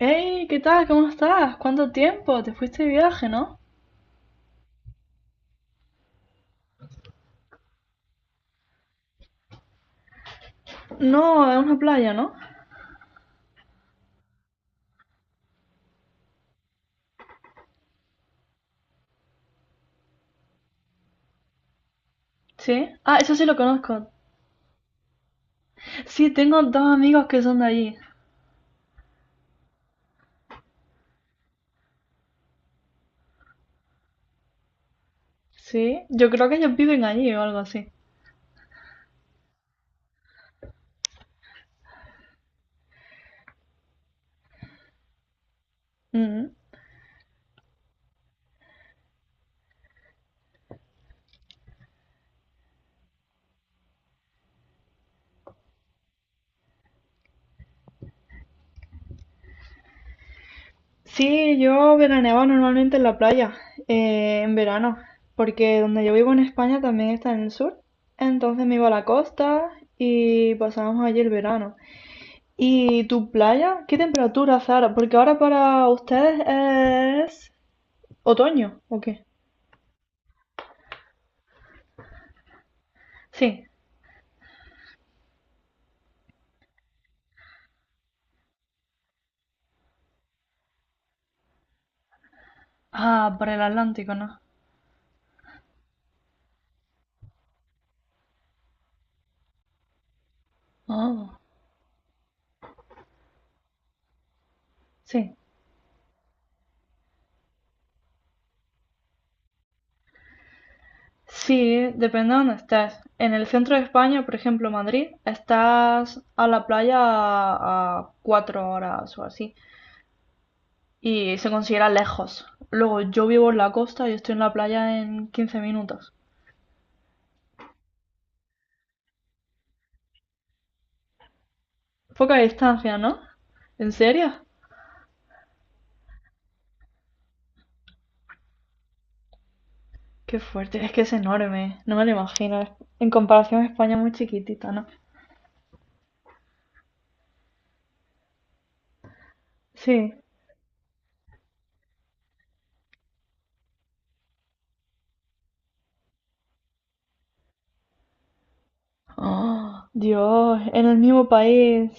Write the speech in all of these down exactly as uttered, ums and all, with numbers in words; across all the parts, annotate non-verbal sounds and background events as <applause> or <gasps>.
Hey, ¿qué tal? ¿Cómo estás? ¿Cuánto tiempo? Te fuiste de viaje, ¿no? No, a una playa, ¿no? Sí. Ah, eso sí lo conozco. Sí, tengo dos amigos que son de allí. Sí, yo creo que ellos viven allí o algo así. Ujú. Sí, yo veraneaba normalmente en la playa, eh, en verano, porque donde yo vivo en España también está en el sur. Entonces me iba a la costa y pasábamos allí el verano. ¿Y tu playa? ¿Qué temperatura, Sara? Porque ahora para ustedes es ¿otoño o qué? Sí. Ah, para el Atlántico, ¿no? Ah, sí. Sí, depende de dónde estés. En el centro de España, por ejemplo, Madrid, estás a la playa a, a cuatro horas o así. Y se considera lejos. Luego yo vivo en la costa y estoy en la playa en quince minutos. Poca distancia, ¿no? ¿En serio? Qué fuerte, es que es enorme. No me lo imagino. En comparación a España, muy chiquitita, ¿no? Sí. <gasps> Ah, Dios, en el mismo país.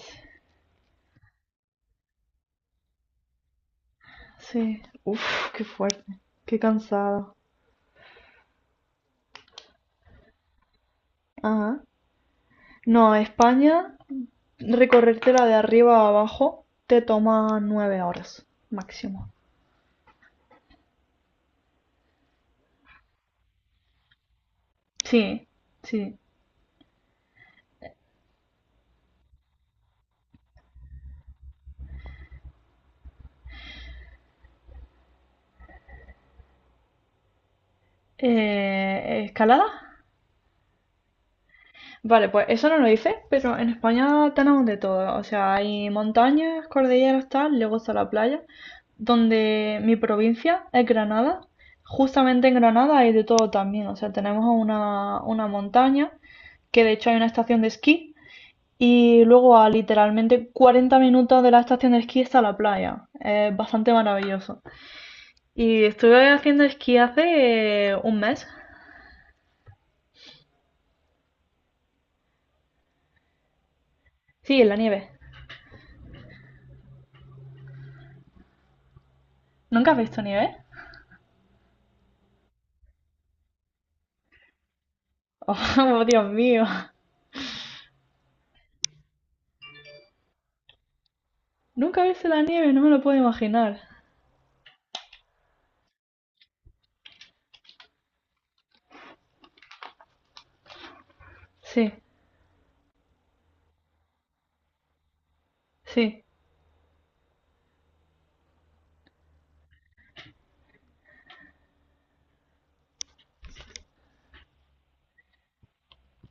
Sí. Uf, qué fuerte. Qué cansado. Ajá. No, España, recorrértela de arriba a abajo te toma nueve horas máximo. Sí, sí. Eh, ¿escalada? Vale, pues eso no lo hice, pero en España tenemos de todo. O sea, hay montañas, cordilleras, tal, luego está la playa, donde mi provincia es Granada. Justamente en Granada hay de todo también. O sea, tenemos una, una montaña, que de hecho hay una estación de esquí, y luego a literalmente cuarenta minutos de la estación de esquí está la playa. Es bastante maravilloso. Y estuve haciendo esquí hace eh, un mes. Sí, en la nieve. ¿Nunca has visto nieve? <laughs> Oh, Dios mío. Nunca he visto la nieve, no me lo puedo imaginar. Sí, sí. <gasps>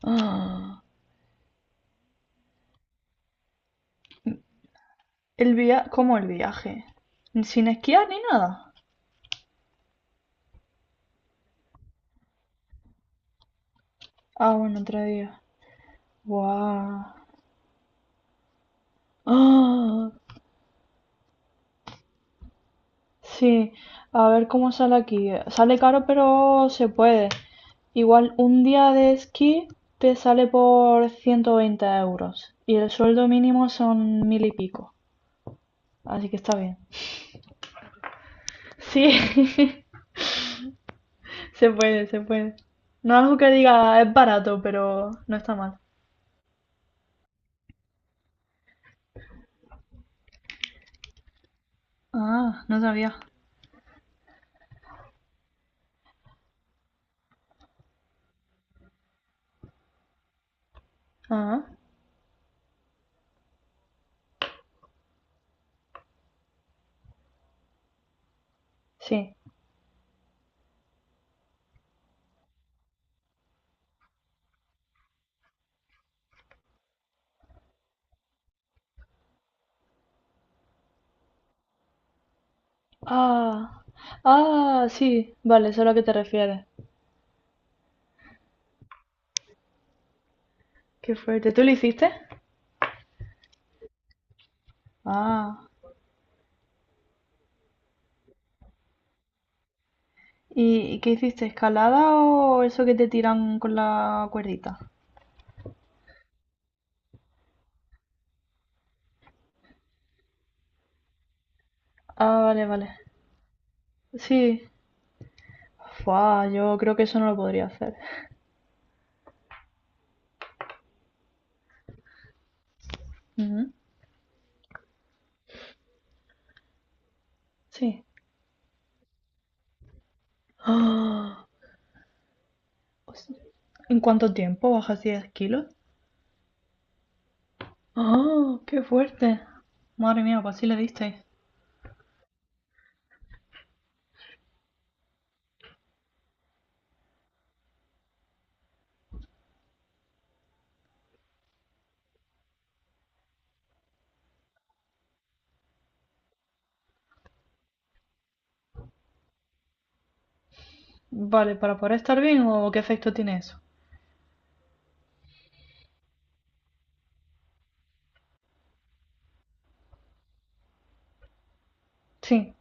Ah, el via... ¿Cómo el viaje? ¿Sin esquiar ni nada? Ah, bueno, otro día. Guau. <gasps> Ah, sí. A ver cómo sale aquí. Sale caro, pero se puede. Igual un día de esquí te sale por ciento veinte euros. Y el sueldo mínimo son mil y pico. Así que está bien. Sí. <laughs> Se puede, se puede. No algo que diga es barato, pero no está mal. Ah, no sabía. Ah, sí. Ah, ah, sí. Vale, eso es a lo que te refieres. Qué fuerte. ¿Tú lo hiciste? Ah. ¿Y y qué hiciste? ¿Escalada o eso que te tiran con la cuerdita? Ah, vale, vale. Sí. Fua, yo creo que eso no lo podría hacer. Ujú, sí. <gasps> Ah, ¿en cuánto tiempo bajas diez kilos? ¡Oh, qué fuerte! Madre mía, pues así le disteis. Vale, ¿para poder estar bien o qué efecto tiene eso? Sí.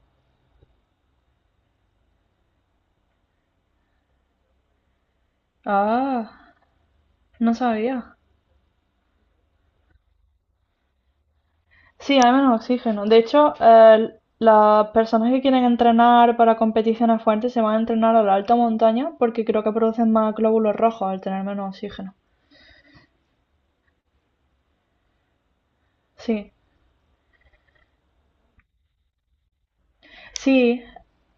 Ah, no sabía. Sí, hay menos oxígeno. De hecho, eh, las personas que quieren entrenar para competiciones fuertes se van a entrenar a la alta montaña porque creo que producen más glóbulos rojos al tener menos oxígeno. Sí. Sí.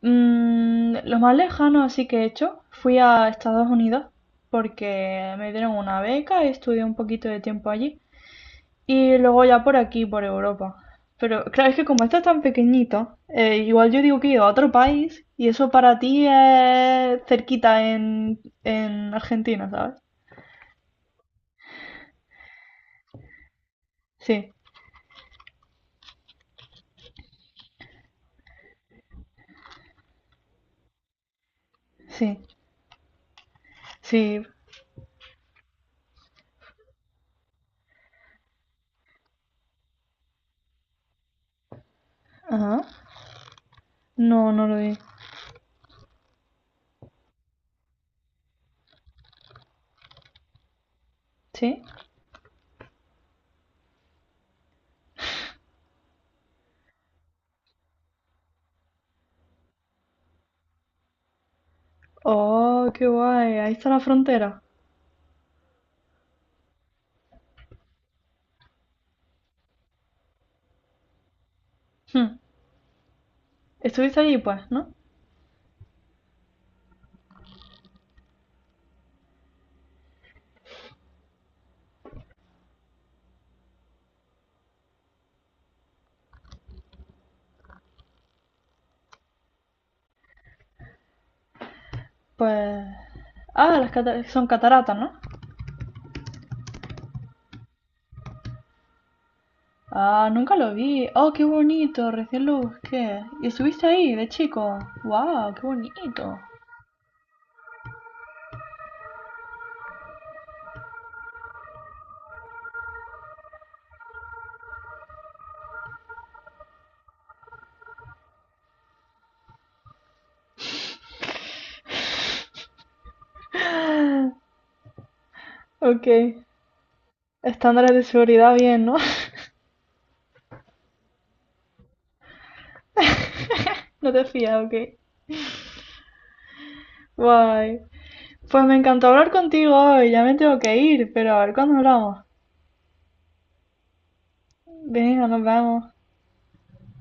Mm, lo más lejano así que he hecho, fui a Estados Unidos porque me dieron una beca y estudié un poquito de tiempo allí. Y luego ya por aquí, por Europa. Pero claro, es que como esto es tan pequeñito, eh, igual yo digo que he ido a otro país y eso para ti es cerquita en, en Argentina, ¿sabes? Sí, sí, sí. Ajá. No, no lo vi. ¿Sí? Oh, qué guay. Ahí está la frontera. Hmm. Estuviste allí, pues, ¿no? Pues... Ah, las cata- son cataratas, ¿no? Ah, nunca lo vi. Oh, qué bonito, recién lo busqué. Y estuviste ahí, de chico. Wow, qué bonito. <gasps> <laughs> Ok. Estándares de seguridad bien, ¿no? <laughs> No te fías, ok. Guay. Pues me encantó hablar contigo hoy. Ya me tengo que ir, pero a ver cuándo hablamos. Venga, nos vemos.